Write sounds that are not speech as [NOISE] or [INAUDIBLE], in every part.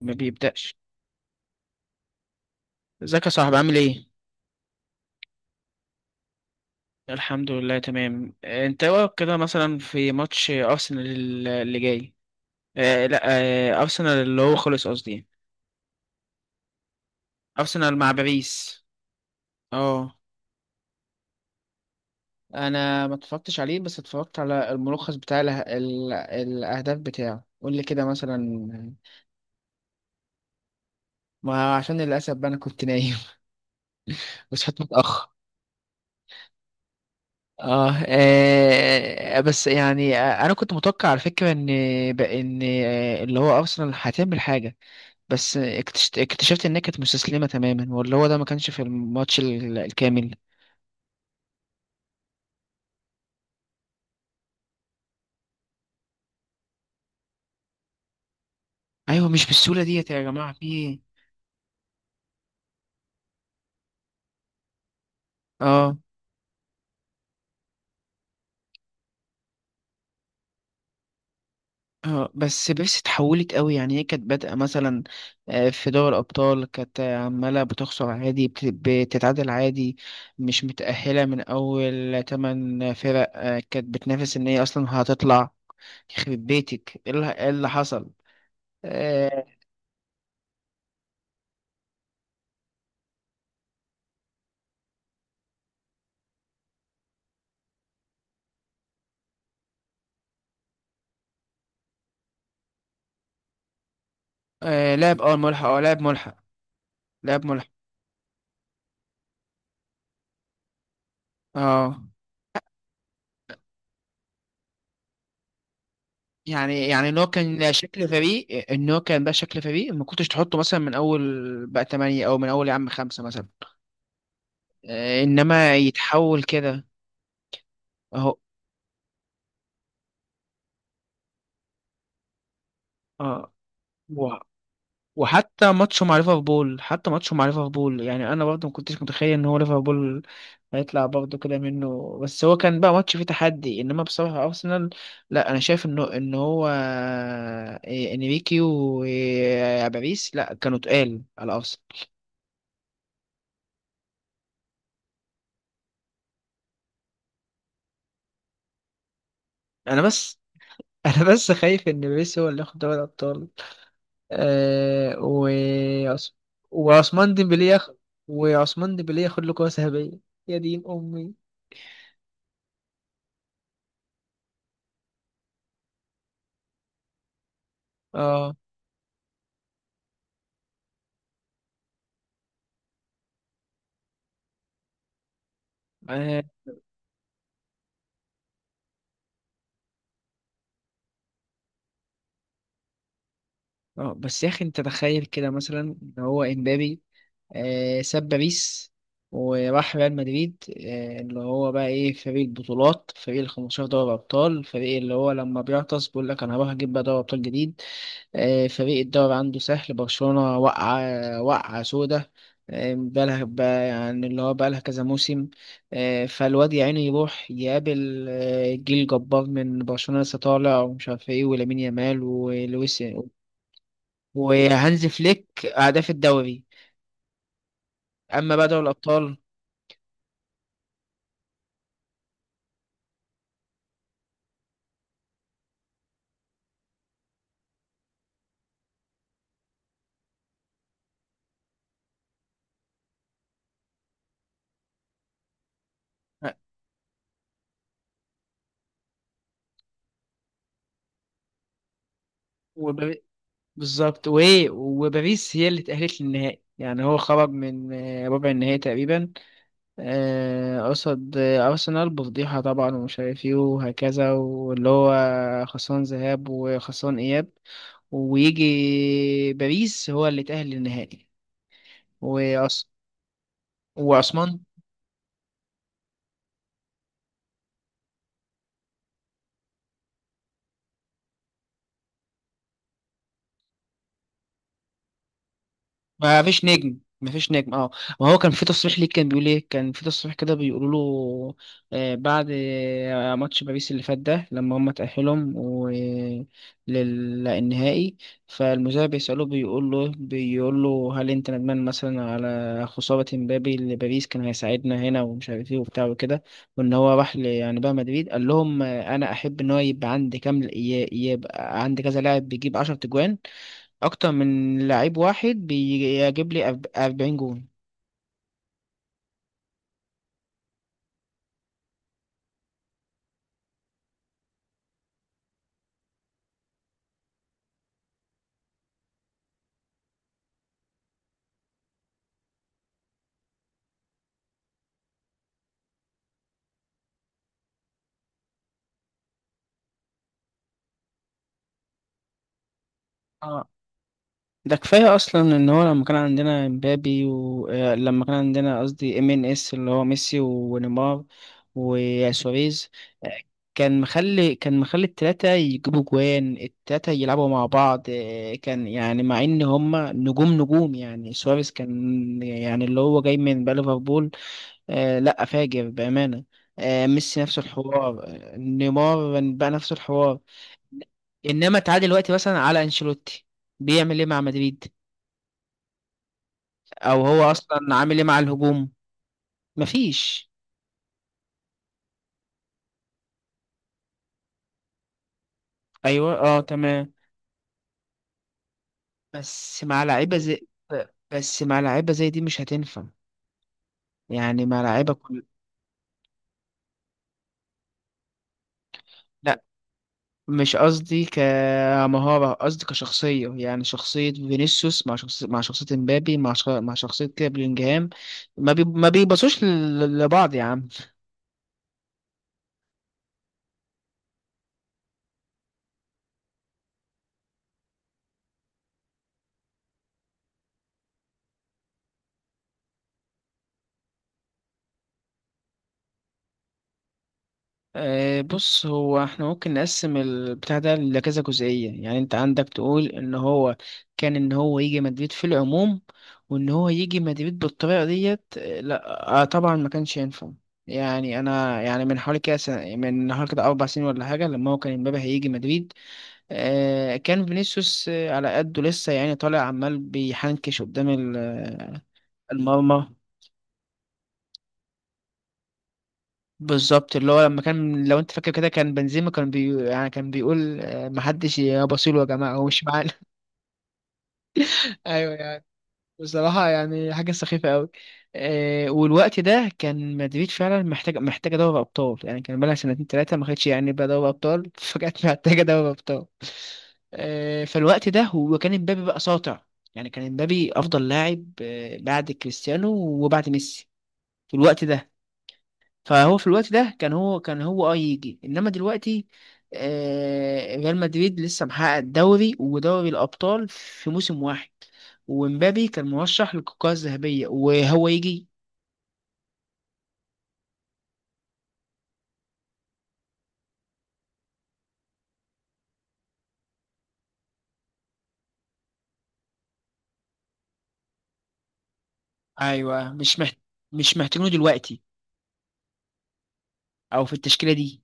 ما بيبدأش. ازيك يا صاحبي عامل ايه؟ الحمد لله تمام. انت إيه رأيك كده مثلا في ماتش ارسنال اللي جاي؟ آه لا آه ارسنال اللي هو خلص، قصدي ارسنال مع باريس. اه، انا ما اتفرجتش عليه بس اتفرجت على الملخص بتاع الاهداف بتاعه. قول لي كده مثلا. ما عشان للاسف بقى انا كنت نايم [LAUGHS] وصحيت متاخر. آه, آه بس يعني آه، أنا كنت متوقع على فكرة إن بقى إن آه اللي هو أرسنال هتعمل حاجة، بس اكتشفت، انها كانت مستسلمه تماما، واللي هو ده ما كانش في الماتش الكامل. ايوه، مش بالسهوله ديت يا جماعه، في ايه؟ اه. اه بس اتحولت قوي، يعني هي كانت بادئه مثلا في دوري الابطال، كانت عماله بتخسر عادي، بتتعادل عادي، مش متاهله من اول تمن فرق. كانت بتنافس ان هي اصلا هتطلع. يخرب بيتك، ايه اللي إيه اللي حصل؟ آه. آه لعب، اه ملحق، اه لعب ملحق، لعب ملحق. اه، يعني ان هو كان بقى شكل فريق ما كنتش تحطه مثلا من اول بقى تمانية او من اول يا عم خمسة مثلا. انما يتحول كده. اهو. اه. و- وحتى ماتشه مع ليفربول، يعني انا برضه ما كنتش متخيل ان هو ليفربول هيطلع برضه كده منه، بس هو كان بقى ماتش فيه تحدي. انما بصراحة ارسنال، لا انا شايف انه ان هو انريكي وباريس لا، كانوا تقال على ارسنال. انا بس، [LAUGHS] انا بس خايف ان ميسي هو اللي ياخد دوري الابطال. آه و عث- وعثمان ديمبلي ياخد، وعثمان ديمبلي ياخد له كرة ذهبية، يا دين امي. اه. اه. بس يا اخي انت تخيل كده مثلا ان هو امبابي آه ساب باريس وراح ريال مدريد، آه اللي هو بقى ايه، فريق البطولات، فريق ال 15 دوري ابطال، فريق اللي هو لما بيعطس بيقول لك انا هروح اجيب بقى دوري ابطال جديد. فريق الدوري عنده سهل. برشلونة وقعة، وقعة سودة. آه، بقالها بقى يعني اللي هو بقالها كذا موسم. فالواد يا عيني يروح يقابل جيل جبار من برشلونة لسه طالع، ومش عارف ايه، ولامين يامال ولويس وهانز فليك، أهداف الدوري. أما بقى دوري الأبطال، آه، وبار- بالظبط. وايه، وباريس هي اللي تأهلت للنهائي. يعني هو خرج من ربع النهائي تقريبا، قصد أرسنال، بفضيحة طبعا ومش عارف ايه وهكذا، واللي هو خسران ذهاب وخسران إياب، ويجي باريس هو اللي تأهل للنهائي. وأس... وعثمان. ما فيش نجم، ما فيش نجم اه. ما هو كان في تصريح ليه، كان بيقول ايه، كان في تصريح كده بيقولوا له بعد ماتش باريس اللي فات ده، لما هم تأهلهم للنهائي، فالمذيع بيسأله، بيقول له، هل انت ندمان مثلا على خسارة مبابي لباريس، كان هيساعدنا هنا ومش عارف ايه وبتاع وكده؟ وان هو راح، يعني بقى مدريد، قال لهم انا احب ان هو يبقى عندي كام، يبقى عندي كذا لاعب بيجيب 10 تجوان، اكتر من لعيب واحد بيجيب لي 40 جون. اه. ده كفايه اصلا ان هو لما كان عندنا مبابي، ولما كان عندنا قصدي ام ان اس اللي هو ميسي ونيمار وسواريز. آه، كان مخلي، كان مخلي التلاتة يجيبوا جوان، التلاتة يلعبوا مع بعض. كان يعني مع ان هما نجوم، نجوم يعني. سواريز كان يعني اللي هو جاي من بقى ليفربول، لا فاجر بأمانة. ميسي نفس الحوار، نيمار بقى نفس الحوار. انما تعالى دلوقتي مثلا على انشيلوتي، بيعمل ايه مع مدريد؟ او هو اصلا عامل ايه مع الهجوم؟ مفيش. ايوه اه تمام. بس مع لعيبه زي بس مع لعيبه زي دي مش هتنفع، يعني مع لعيبه كل. لا مش قصدي كمهارة، قصدي كشخصية، يعني شخصية فينيسيوس مع شخصية، مع شخصية مبابي، مع شخصية كده بلينجهام، ما بيبصوش لبعض يا عم. بص، هو احنا ممكن نقسم البتاع ده لكذا جزئية. يعني انت عندك تقول ان هو كان ان هو يجي مدريد في العموم، وان هو يجي مدريد بالطريقة ديت. لا طبعا ما كانش ينفع. يعني انا يعني من حوالي كده سنة، من حوالي كده اربع سنين ولا حاجة، لما هو كان امبابي هيجي مدريد، كان فينيسيوس على قده لسه يعني، طالع عمال بيحنكش قدام المرمى. بالظبط اللي هو لما كان، لو انت فاكر كده، كان بنزيما كان بي يعني كان بيقول محدش يبصيله يا جماعه، هو مش معانا [LAUGHS] ايوه يعني. بصراحه يعني حاجه سخيفه قوي. والوقت ده كان مدريد فعلا محتاج، محتاجه دوري ابطال. يعني كان بقالها سنتين ثلاثه ما خدتش يعني بقى دوري ابطال [LAUGHS] فجأة محتاجه دوري ابطال. فالوقت ده هو كان امبابي بقى ساطع. يعني كان امبابي افضل لاعب بعد كريستيانو وبعد ميسي في الوقت ده. فهو في الوقت ده كان هو يجي. انما دلوقتي ريال مدريد لسه محقق الدوري ودوري الابطال في موسم واحد، ومبابي كان مرشح للكرة الذهبية وهو يجي. ايوه مش محتاجينه دلوقتي، او في التشكيلة دي.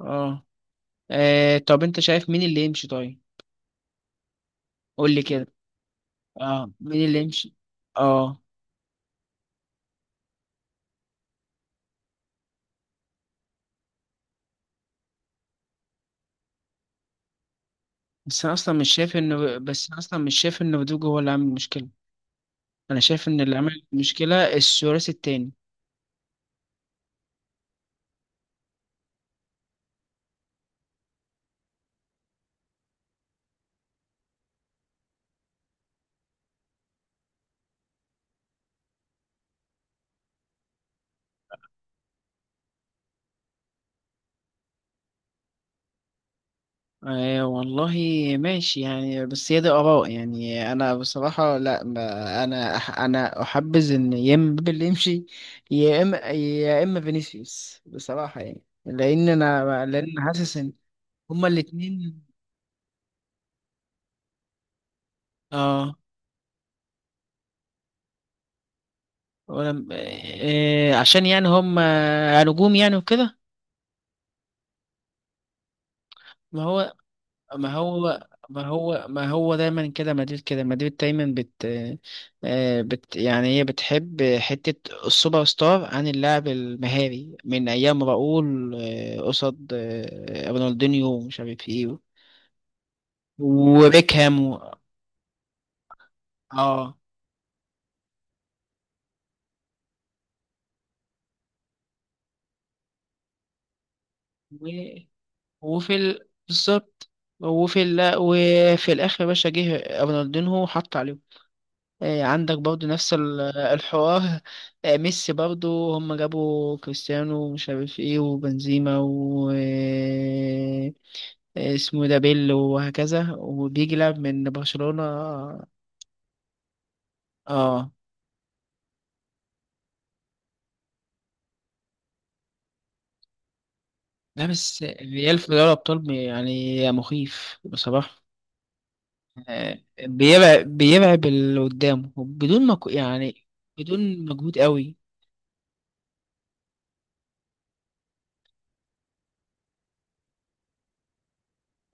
اه. طب انت شايف مين اللي يمشي طيب؟ قول لي كده. اه، مين اللي يمشي. اه بس انا اصلا مش شايف ان رودrigo هو اللي عامل المشكلة. انا شايف ان اللي عامل المشكلة الثلاثي التاني. آه والله. ماشي يعني، بس هي دي آراء. يعني أنا بصراحة لا، ما أنا أح أنا أحبذ إن يا إما بيل يمشي، يا إما فينيسيوس بصراحة. يعني لأن أنا، لأن حاسس إن هما الاتنين. آه عشان يعني هما نجوم يعني وكده. ما هو ما هو ما هو دايما كده مدريد، كده مدريد دايما بت, آه، بت يعني هي بتحب حتة السوبر ستار عن اللاعب المهاري، من أيام راؤول قصاد رونالدينيو ومش عارف ايه، وبيكهام اه. و... بالظبط. وفي الآخر يا باشا جه رونالدينيو وحط عليهم. إيه، عندك برضو نفس الحوار. إيه، ميسي برضو هم جابوا كريستيانو ومش عارف ايه وبنزيما، و إيه اسمه ده، بيل، وهكذا، وبيجي لاعب من برشلونة. اه. لا بس الريال في دوري الأبطال يعني مخيف بصراحة. إيه، بيرعب، بيرعب اللي قدامه بدون ما يعني، بدون مجهود قوي.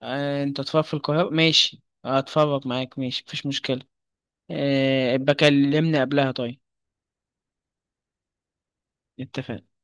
انت تتفرج في القاهرة، ماشي اتفرج معاك، ماشي مفيش مشكلة. بكلمني قبلها طيب. اتفقنا.